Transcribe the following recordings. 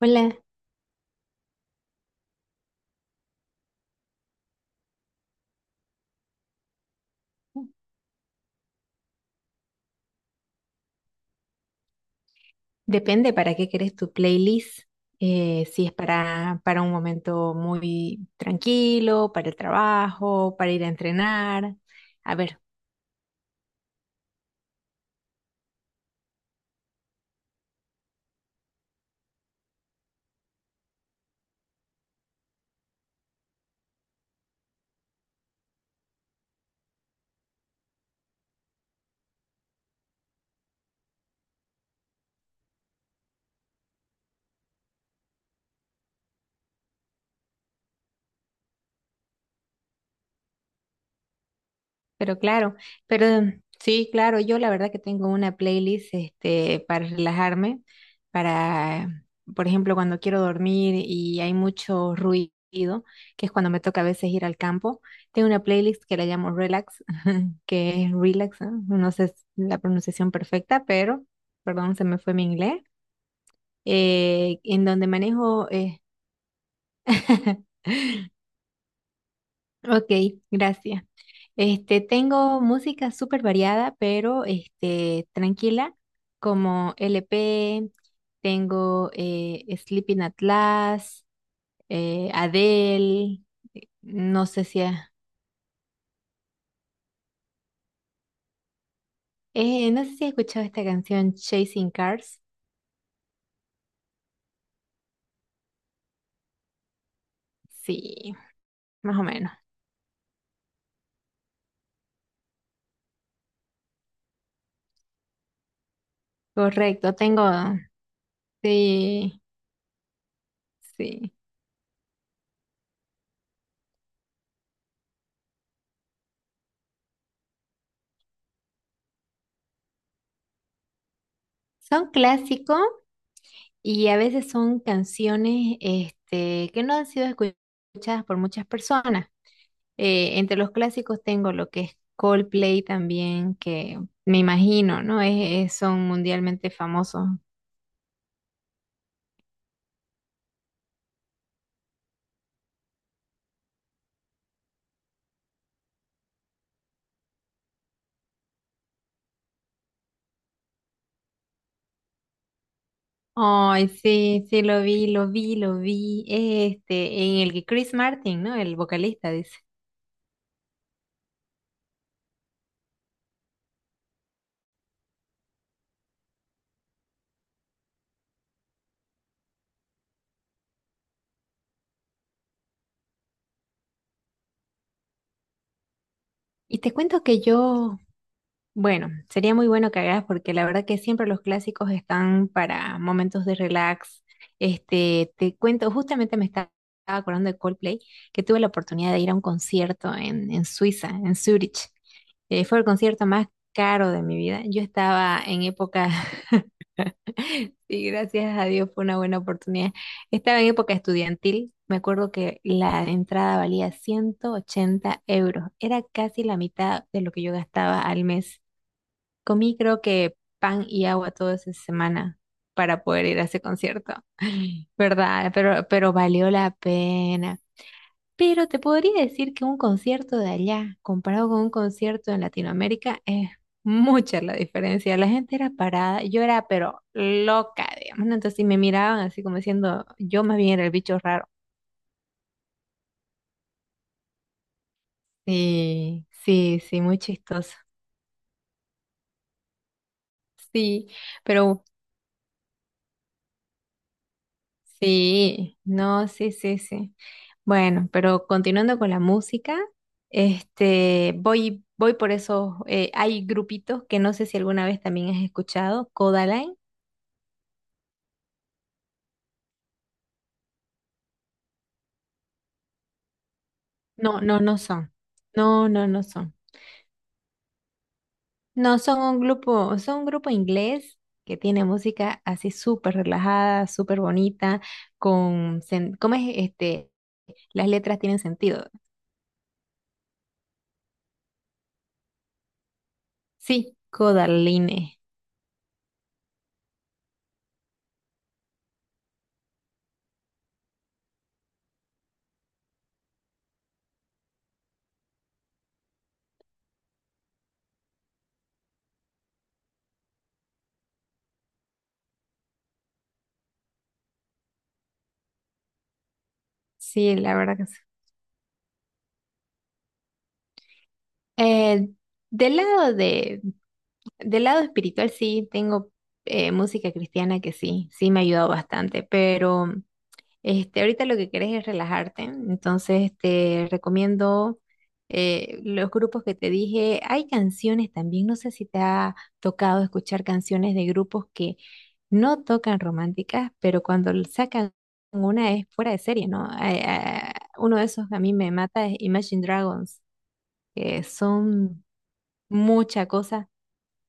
Hola, depende para qué querés tu playlist. Si es para un momento muy tranquilo, para el trabajo, para ir a entrenar. A ver. Pero claro, pero sí, claro, yo la verdad que tengo una playlist este para relajarme, para, por ejemplo, cuando quiero dormir y hay mucho ruido, que es cuando me toca a veces ir al campo, tengo una playlist que la llamo Relax, que es Relax, ¿no? No sé la pronunciación perfecta, pero, perdón, se me fue mi inglés, en donde manejo Ok, gracias. Este, tengo música súper variada, pero este, tranquila, como LP, tengo Sleeping Atlas, Adele, eh, no sé si ha- eh, no sé si has escuchado esta canción Chasing Cars. Sí, más o menos. Correcto, tengo, sí, sí. Son clásicos. Y a veces son canciones este, que no han sido escuchadas por muchas personas. Entre los clásicos tengo lo que es Coldplay también, que me imagino, ¿no? Es, son mundialmente famosos. Ay, sí, sí, lo vi, lo vi, lo vi. Este, en el que Chris Martin, ¿no? El vocalista dice. Y te cuento que yo. Bueno, sería muy bueno que hagas porque la verdad que siempre los clásicos están para momentos de relax. Este, te cuento, justamente me estaba acordando de Coldplay, que tuve la oportunidad de ir a un concierto en Suiza, en Zurich. Fue el concierto más caro de mi vida. Yo estaba en época, sí, gracias a Dios fue una buena oportunidad. Estaba en época estudiantil. Me acuerdo que la entrada valía 180 euros. Era casi la mitad de lo que yo gastaba al mes. Comí creo que pan y agua toda esa semana para poder ir a ese concierto, ¿verdad? Pero valió la pena. Pero te podría decir que un concierto de allá comparado con un concierto en Latinoamérica es mucha la diferencia. La gente era parada, yo era pero loca, digamos, ¿no? Entonces si me miraban así como diciendo, yo más bien era el bicho raro. Sí, sí, sí, muy chistoso. Sí, pero sí, no, sí, sí, sí. Bueno, pero continuando con la música, este, voy por esos, hay grupitos que no sé si alguna vez también has escuchado, Codaline. No, no, no son. No, no, no son. No, son un grupo inglés que tiene música así súper relajada, súper bonita, con, ¿cómo es este? Las letras tienen sentido. Sí, Codaline. Sí, la verdad que. Eh, del lado de, del lado espiritual sí tengo música cristiana que sí, sí me ha ayudado bastante, pero este, ahorita lo que querés es relajarte, entonces te recomiendo los grupos que te dije. Hay canciones también, no sé si te ha tocado escuchar canciones de grupos que no tocan románticas, pero cuando sacan una es fuera de serie, ¿no? Ay, ah, uno de esos que a mí me mata es Imagine Dragons, que son mucha cosa.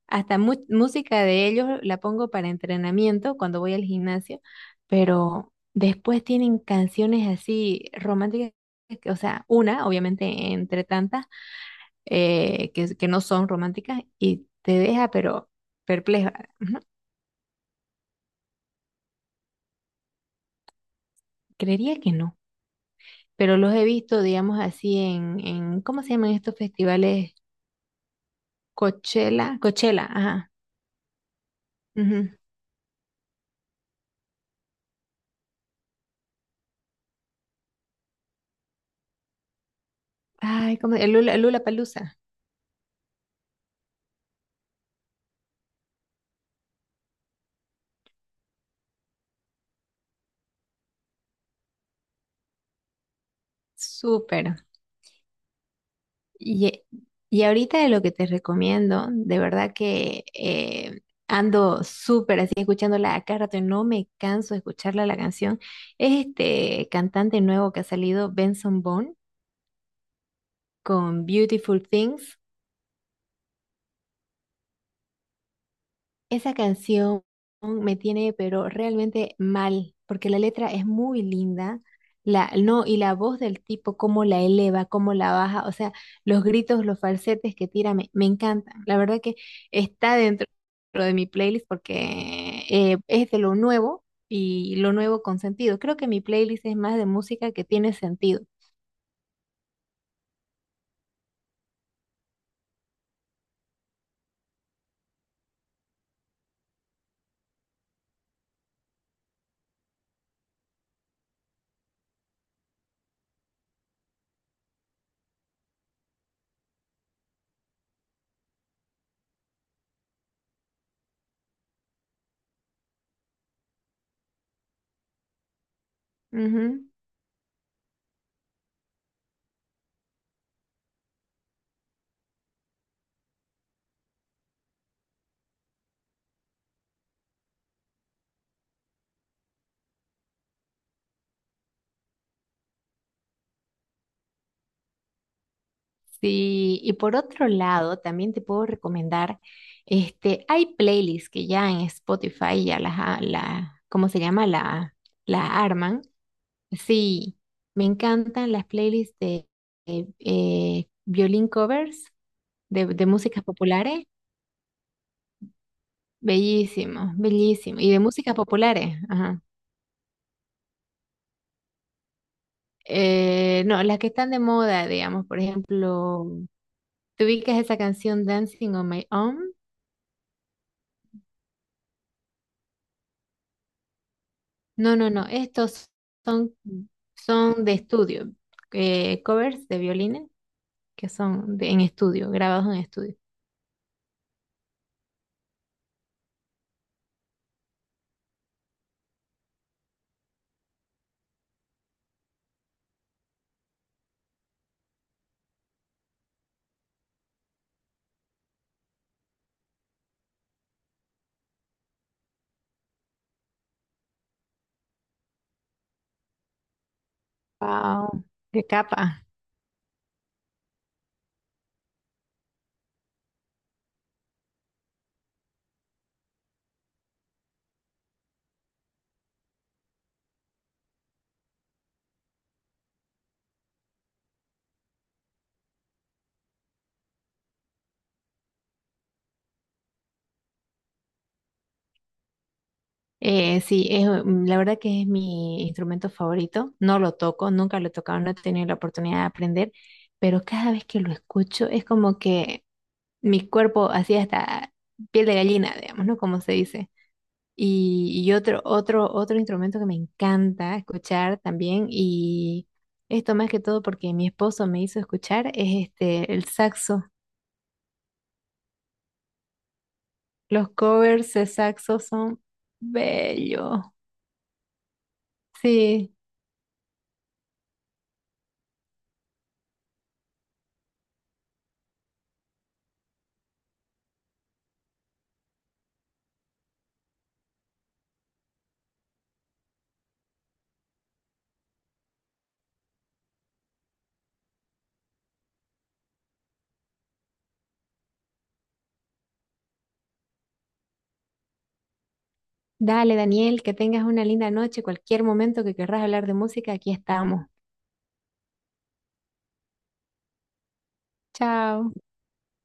Hasta música de ellos la pongo para entrenamiento cuando voy al gimnasio, pero después tienen canciones así románticas, o sea, una, obviamente, entre tantas, que no son románticas y te deja, pero perpleja. Creería que no, pero los he visto, digamos así, en ¿cómo se llaman estos festivales? Coachella, Coachella, ajá, ujú. Ay, ¿cómo? El Lula, Palusa. Súper. Y, y ahorita de lo que te recomiendo, de verdad que ando súper así escuchándola a cada rato y no me canso de escucharla la canción, es este cantante nuevo que ha salido, Benson Boone, con Beautiful Things. Esa canción me tiene, pero realmente mal, porque la letra es muy linda, la, no, y la voz del tipo, cómo la eleva, cómo la baja, o sea, los gritos, los falsetes que tira, me encantan. La verdad que está dentro de mi playlist porque es de lo nuevo y lo nuevo con sentido. Creo que mi playlist es más de música que tiene sentido. Ujú. Sí, y por otro lado, también te puedo recomendar, este, hay playlists que ya en Spotify ya ¿cómo se llama? La arman. Sí, me encantan las playlists de violín covers de músicas populares. Bellísimo, bellísimo. Y de músicas populares, ajá. No, las que están de moda, digamos, por ejemplo, ¿te ubicas esa canción Dancing on My Own? No, no, no. Estos son, son de estudio. Covers de violines que son en estudio, grabados en estudio. Wow, qué capa. Sí, es, la verdad que es mi instrumento favorito. No lo toco, nunca lo he tocado, no he tenido la oportunidad de aprender, pero cada vez que lo escucho es como que mi cuerpo así hasta piel de gallina, digamos, ¿no? Como se dice. Y otro instrumento que me encanta escuchar también, y esto más que todo porque mi esposo me hizo escuchar, es este, el saxo. Los covers de saxo son bellos. Sí, dale Daniel, que tengas una linda noche. Cualquier momento que querrás hablar de música, aquí estamos. Chao.